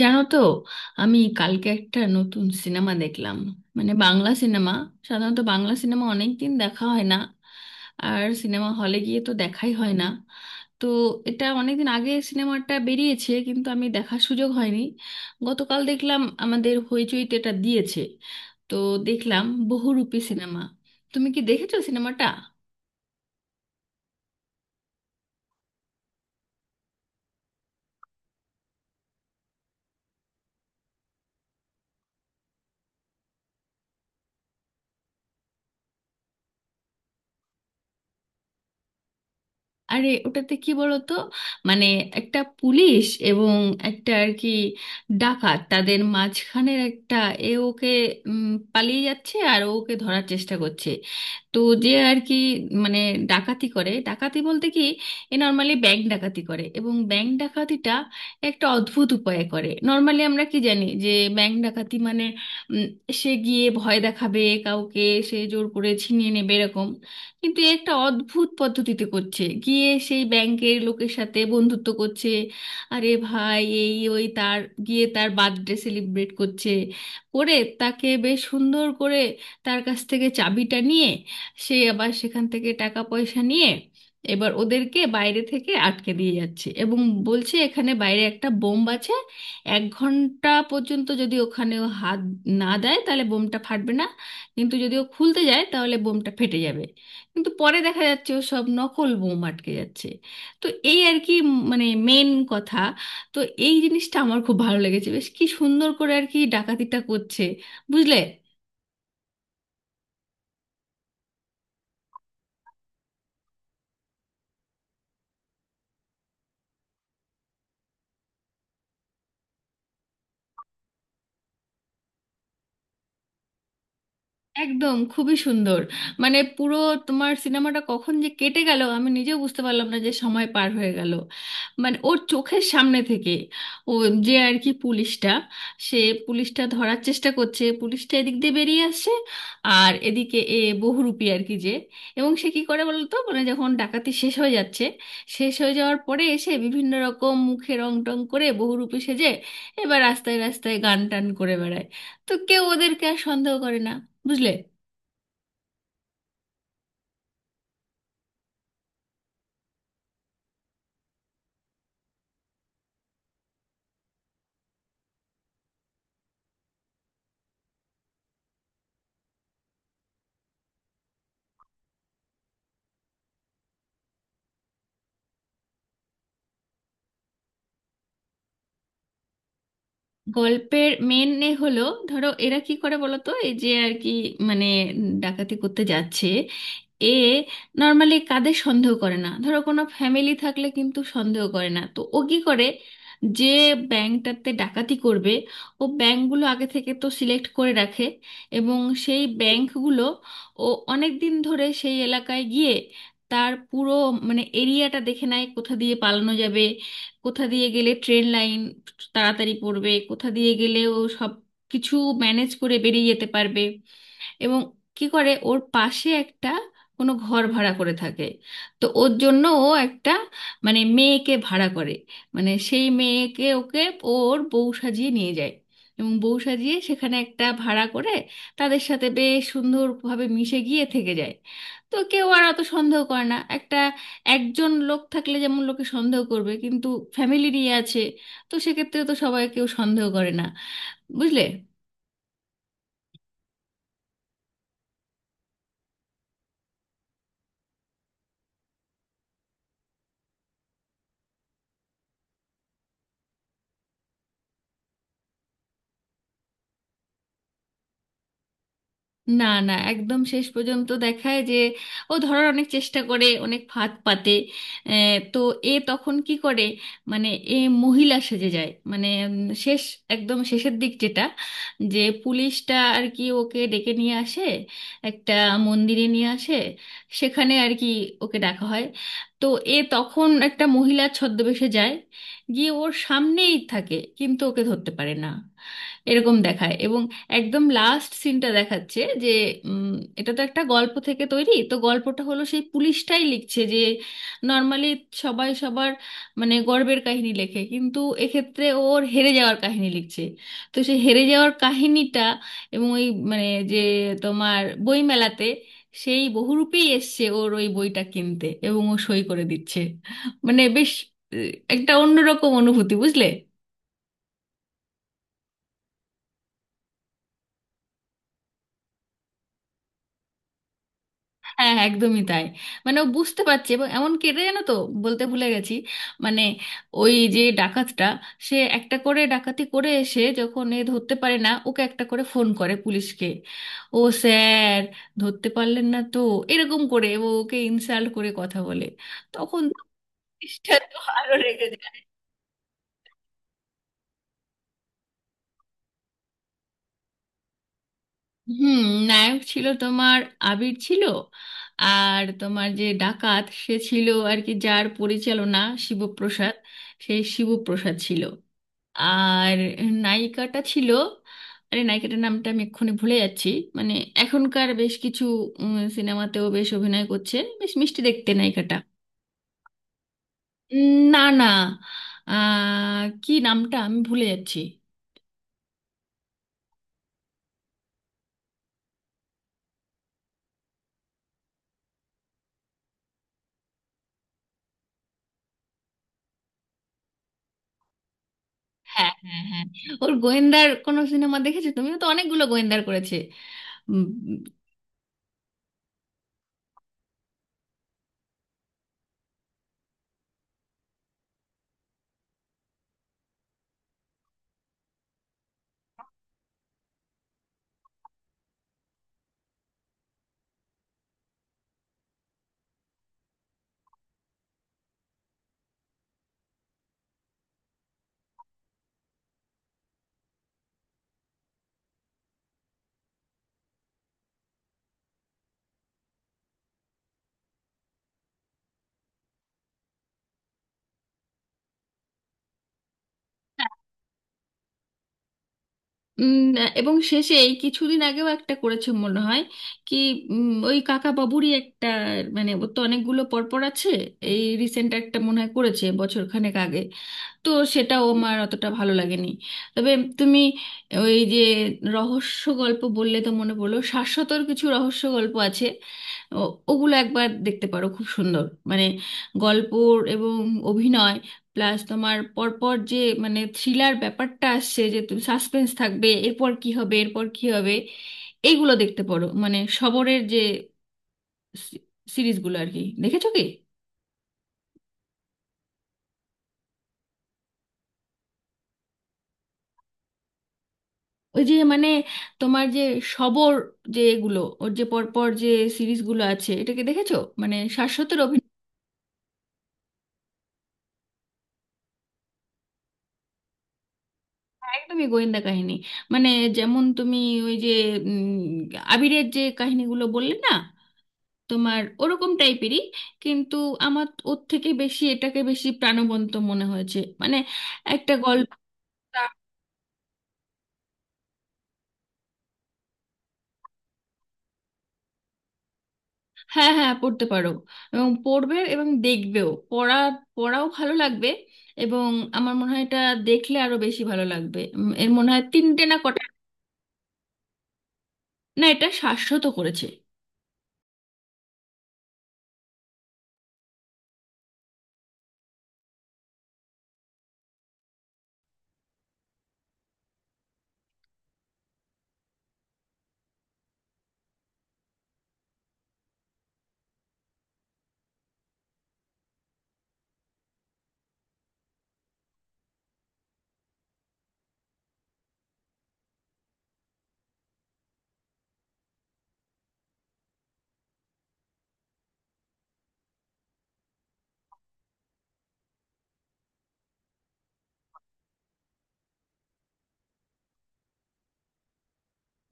জানো তো, আমি কালকে একটা নতুন সিনেমা দেখলাম। মানে বাংলা সিনেমা। সাধারণত বাংলা সিনেমা অনেক দিন দেখা হয় না, আর সিনেমা হলে গিয়ে তো দেখাই হয় না। তো এটা অনেকদিন আগে সিনেমাটা বেরিয়েছে, কিন্তু আমি দেখার সুযোগ হয়নি। গতকাল দেখলাম আমাদের হইচইতে এটা দিয়েছে। তো দেখলাম বহুরূপী সিনেমা। তুমি কি দেখেছো সিনেমাটা? আরে ওটাতে কি বলতো, মানে একটা পুলিশ এবং একটা আর কি ডাকাত, তাদের মাঝখানের একটা। এ ওকে উম, পালিয়ে যাচ্ছে আর ও ওকে ধরার চেষ্টা করছে। তো যে আর কি, মানে ডাকাতি করে। ডাকাতি বলতে কি, এ নর্মালি ব্যাংক ডাকাতি করে, এবং ব্যাংক ডাকাতিটা একটা অদ্ভুত উপায়ে করে। নর্মালি আমরা কি জানি যে ব্যাংক ডাকাতি মানে উম, সে গিয়ে ভয় দেখাবে কাউকে, সে জোর করে ছিনিয়ে নেবে এরকম। কিন্তু এ একটা অদ্ভুত পদ্ধতিতে করছে, গিয়ে সেই ব্যাংকের লোকের সাথে বন্ধুত্ব করছে। আরে ভাই, এই ওই তার গিয়ে তার বার্থডে সেলিব্রেট করছে, করে তাকে বেশ সুন্দর করে তার কাছ থেকে চাবিটা নিয়ে সে আবার সেখান থেকে টাকা পয়সা নিয়ে এবার ওদেরকে বাইরে থেকে আটকে দিয়ে যাচ্ছে, এবং বলছে এখানে বাইরে একটা বোম আছে। এক ঘন্টা পর্যন্ত যদি ওখানে ও হাত না দেয় তাহলে বোমটা ফাটবে না, কিন্তু যদি ও খুলতে যায় তাহলে বোমটা ফেটে যাবে। কিন্তু পরে দেখা যাচ্ছে ও সব নকল বোম আটকে যাচ্ছে। তো এই আর কি, মানে মেন কথা। তো এই জিনিসটা আমার খুব ভালো লেগেছে, বেশ কি সুন্দর করে আর কি ডাকাতিটা করছে। বুঝলে? একদম খুবই সুন্দর। মানে পুরো তোমার সিনেমাটা কখন যে কেটে গেল আমি নিজেও বুঝতে পারলাম না, যে সময় পার হয়ে গেল। মানে ওর চোখের সামনে থেকে ও, যে আর কি পুলিশটা, সে পুলিশটা ধরার চেষ্টা করছে, পুলিশটা এদিক দিয়ে বেরিয়ে আসছে, আর এদিকে এ বহুরূপী আর কি যে। এবং সে কি করে বলতো, মানে যখন ডাকাতি শেষ হয়ে যাচ্ছে, শেষ হয়ে যাওয়ার পরে এসে বিভিন্ন রকম মুখে রং টং করে বহুরূপী সেজে এবার রাস্তায় রাস্তায় গান টান করে বেড়ায়। তো কেউ ওদেরকে আর সন্দেহ করে না। বুঝলে? গল্পের মেন এ হলো, ধরো, এরা কি করে বলো তো, এই যে আর কি, মানে ডাকাতি করতে যাচ্ছে। এ নর্মালি কাদের সন্দেহ করে না, ধরো কোনো ফ্যামিলি থাকলে কিন্তু সন্দেহ করে না। তো ও কি করে যে ব্যাংকটাতে ডাকাতি করবে, ও ব্যাংকগুলো আগে থেকে তো সিলেক্ট করে রাখে, এবং সেই ব্যাংকগুলো ও অনেক দিন ধরে সেই এলাকায় গিয়ে তার পুরো, মানে এরিয়াটা দেখে নেয় কোথা দিয়ে পালানো যাবে, কোথা দিয়ে গেলে ট্রেন লাইন তাড়াতাড়ি পড়বে, কোথা দিয়ে গেলেও সব কিছু ম্যানেজ করে বেরিয়ে যেতে পারবে। এবং কি করে, ওর পাশে একটা কোনো ঘর ভাড়া করে থাকে। তো ওর জন্য ও একটা, মানে মেয়েকে ভাড়া করে, মানে সেই মেয়েকে ওকে ওর বউ সাজিয়ে নিয়ে যায়, এবং বউ সাজিয়ে সেখানে একটা ভাড়া করে তাদের সাথে বেশ সুন্দরভাবে মিশে গিয়ে থেকে যায়। তো কেউ আর অত সন্দেহ করে না। একটা একজন লোক থাকলে যেমন লোকে সন্দেহ করবে, কিন্তু ফ্যামিলি নিয়ে আছে, তো সেক্ষেত্রে তো সবাই, কেউ সন্দেহ করে না। বুঝলে? না, না, একদম শেষ পর্যন্ত দেখায় যে ও ধরার অনেক চেষ্টা করে, অনেক ফাঁদ পাতে। তো এ তখন কি করে, মানে এ মহিলা সেজে যায়। মানে শেষ, একদম শেষের দিক যেটা, যে পুলিশটা আর কি ওকে ডেকে নিয়ে আসে একটা মন্দিরে নিয়ে আসে, সেখানে আর কি ওকে ডাকা হয়। তো এ তখন একটা মহিলা ছদ্মবেশে যায়, গিয়ে ওর সামনেই থাকে কিন্তু ওকে ধরতে পারে না, এরকম দেখায়। এবং একদম লাস্ট সিনটা দেখাচ্ছে যে উম, এটা তো একটা গল্প থেকে তৈরি, তো গল্পটা হলো সেই পুলিশটাই লিখছে। যে নর্মালি সবাই সবার, মানে গর্বের কাহিনী লেখে, কিন্তু এক্ষেত্রে ওর হেরে যাওয়ার কাহিনী লিখছে। তো সেই হেরে যাওয়ার কাহিনীটা, এবং ওই, মানে, যে তোমার বইমেলাতে সেই বহুরূপেই এসছে ওর ওই বইটা কিনতে, এবং ও সই করে দিচ্ছে। মানে বেশ একটা অন্যরকম অনুভূতি। বুঝলে? হ্যাঁ, হ্যাঁ, একদমই তাই। মানে ও বুঝতে পারছে, এবং এমন কেটে, জানো তো, বলতে ভুলে গেছি, মানে ওই যে ডাকাতটা, সে একটা করে ডাকাতি করে এসে যখন এ ধরতে পারে না ওকে, একটা করে ফোন করে পুলিশকে, ও স্যার, ধরতে পারলেন না তো, এরকম করে ও ওকে ইনসাল্ট করে কথা বলে। তখন তো পুলিশটা তো আরো রেগে যায়। হুম। নায়ক ছিল তোমার আবির, ছিল আর তোমার যে ডাকাত সে ছিল আর কি যার পরিচালনা, শিবপ্রসাদ, সেই শিবপ্রসাদ ছিল। আর নায়িকাটা ছিল, আরে নায়িকাটার নামটা আমি এক্ষুনি ভুলে যাচ্ছি। মানে এখনকার বেশ কিছু সিনেমাতেও বেশ অভিনয় করছে, বেশ মিষ্টি দেখতে নায়িকাটা। না, না, কি নামটা আমি ভুলে যাচ্ছি। হ্যাঁ, হ্যাঁ, হ্যাঁ, ওর গোয়েন্দার কোনো সিনেমা দেখেছো? তুমিও তো অনেকগুলো গোয়েন্দার করেছে। উম, এবং শেষে এই কিছুদিন আগেও একটা করেছে মনে হয়, কি ওই কাকা বাবুরই একটা। মানে ওর তো অনেকগুলো পরপর আছে, এই রিসেন্ট একটা মনে হয় করেছে বছর খানেক আগে। তো সেটা ও মার অতটা ভালো লাগেনি। তবে তুমি ওই যে রহস্য গল্প বললে তো মনে পড়লো, শাশ্বতর কিছু রহস্য গল্প আছে, ওগুলো একবার দেখতে পারো, খুব সুন্দর। মানে গল্প এবং অভিনয় প্লাস তোমার পরপর যে, মানে থ্রিলার ব্যাপারটা আসছে যে তুমি সাসপেন্স থাকবে, এরপর কি হবে এরপর কি হবে। এইগুলো দেখতে পারো, মানে সবরের যে সি- সিরিজগুলো আর কি। দেখেছো কি? ওই যে মানে তোমার যে সবর, যে এগুলো ওর যে পরপর যে সিরিজগুলো আছে, এটাকে দেখেছো? মানে শাশ্বতের অভিনয়। হ্যাঁ, একদমই গোয়েন্দা কাহিনী। মানে যেমন তুমি ওই যে উম, আবিরের যে কাহিনীগুলো বললে না, তোমার ওরকম টাইপেরই। কিন্তু আমার ওর থেকে বেশি এটাকে বেশি প্রাণবন্ত মনে হয়েছে, মানে একটা গল্প। হ্যাঁ, হ্যাঁ, পড়তে পারো এবং পড়বে এবং দেখবেও। পড়া, পড়াও ভালো লাগবে। এবং আমার মনে হয় এটা দেখলে আরো বেশি ভালো লাগবে। এর মনে হয় তিনটে না কটা। না, এটা শাশ্বত করেছে।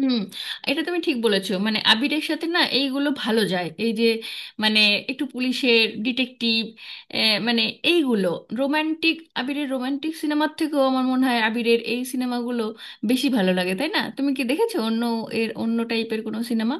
হুম, এটা তুমি ঠিক বলেছো, মানে আবিরের সাথে না এইগুলো ভালো যায়, এই যে মানে একটু পুলিশের ডিটেকটিভ, মানে এইগুলো। রোমান্টিক, আবিরের রোমান্টিক সিনেমার থেকেও আমার মনে হয় আবিরের এই সিনেমাগুলো বেশি ভালো লাগে, তাই না? তুমি কি দেখেছো অন্য, এর অন্য টাইপের কোনো সিনেমা?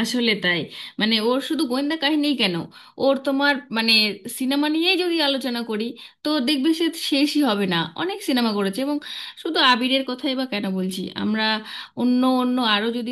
আসলে তাই, মানে ওর শুধু গোয়েন্দা কাহিনী কেন, ওর তোমার মানে সিনেমা নিয়েই যদি আলোচনা করি তো দেখবে সে শেষই হবে না, অনেক সিনেমা করেছে। এবং শুধু আবিরের কথাই বা কেন বলছি আমরা, অন্য অন্য আরো যদি।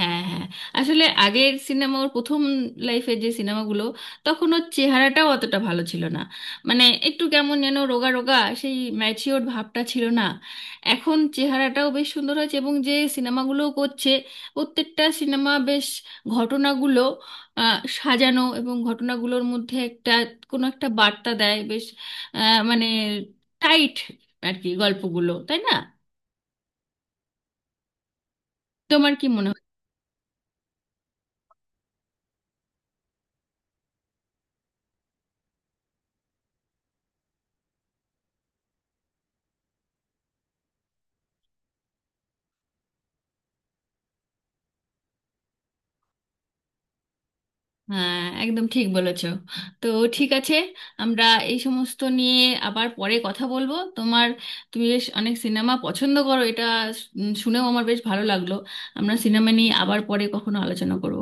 হ্যাঁ, হ্যাঁ, আসলে আগের সিনেমা, ওর প্রথম লাইফে যে সিনেমাগুলো, তখন ওর চেহারাটাও অতটা ভালো ছিল না, মানে একটু কেমন যেন রোগা রোগা, সেই ম্যাচিওর ভাবটা ছিল না। এখন চেহারাটাও বেশ সুন্দর হয়েছে, এবং যে সিনেমাগুলো করছে, প্রত্যেকটা সিনেমা বেশ, ঘটনাগুলো সাজানো, এবং ঘটনাগুলোর মধ্যে একটা কোনো একটা বার্তা দেয়। বেশ মানে টাইট আর কি গল্পগুলো, তাই না? তোমার কি মনে? হ্যাঁ, একদম ঠিক বলেছো। তো ঠিক আছে, আমরা এই সমস্ত নিয়ে আবার পরে কথা বলবো। তোমার, তুমি বেশ অনেক সিনেমা পছন্দ করো, এটা শুনেও আমার বেশ ভালো লাগলো। আমরা সিনেমা নিয়ে আবার পরে কখনো আলোচনা করব।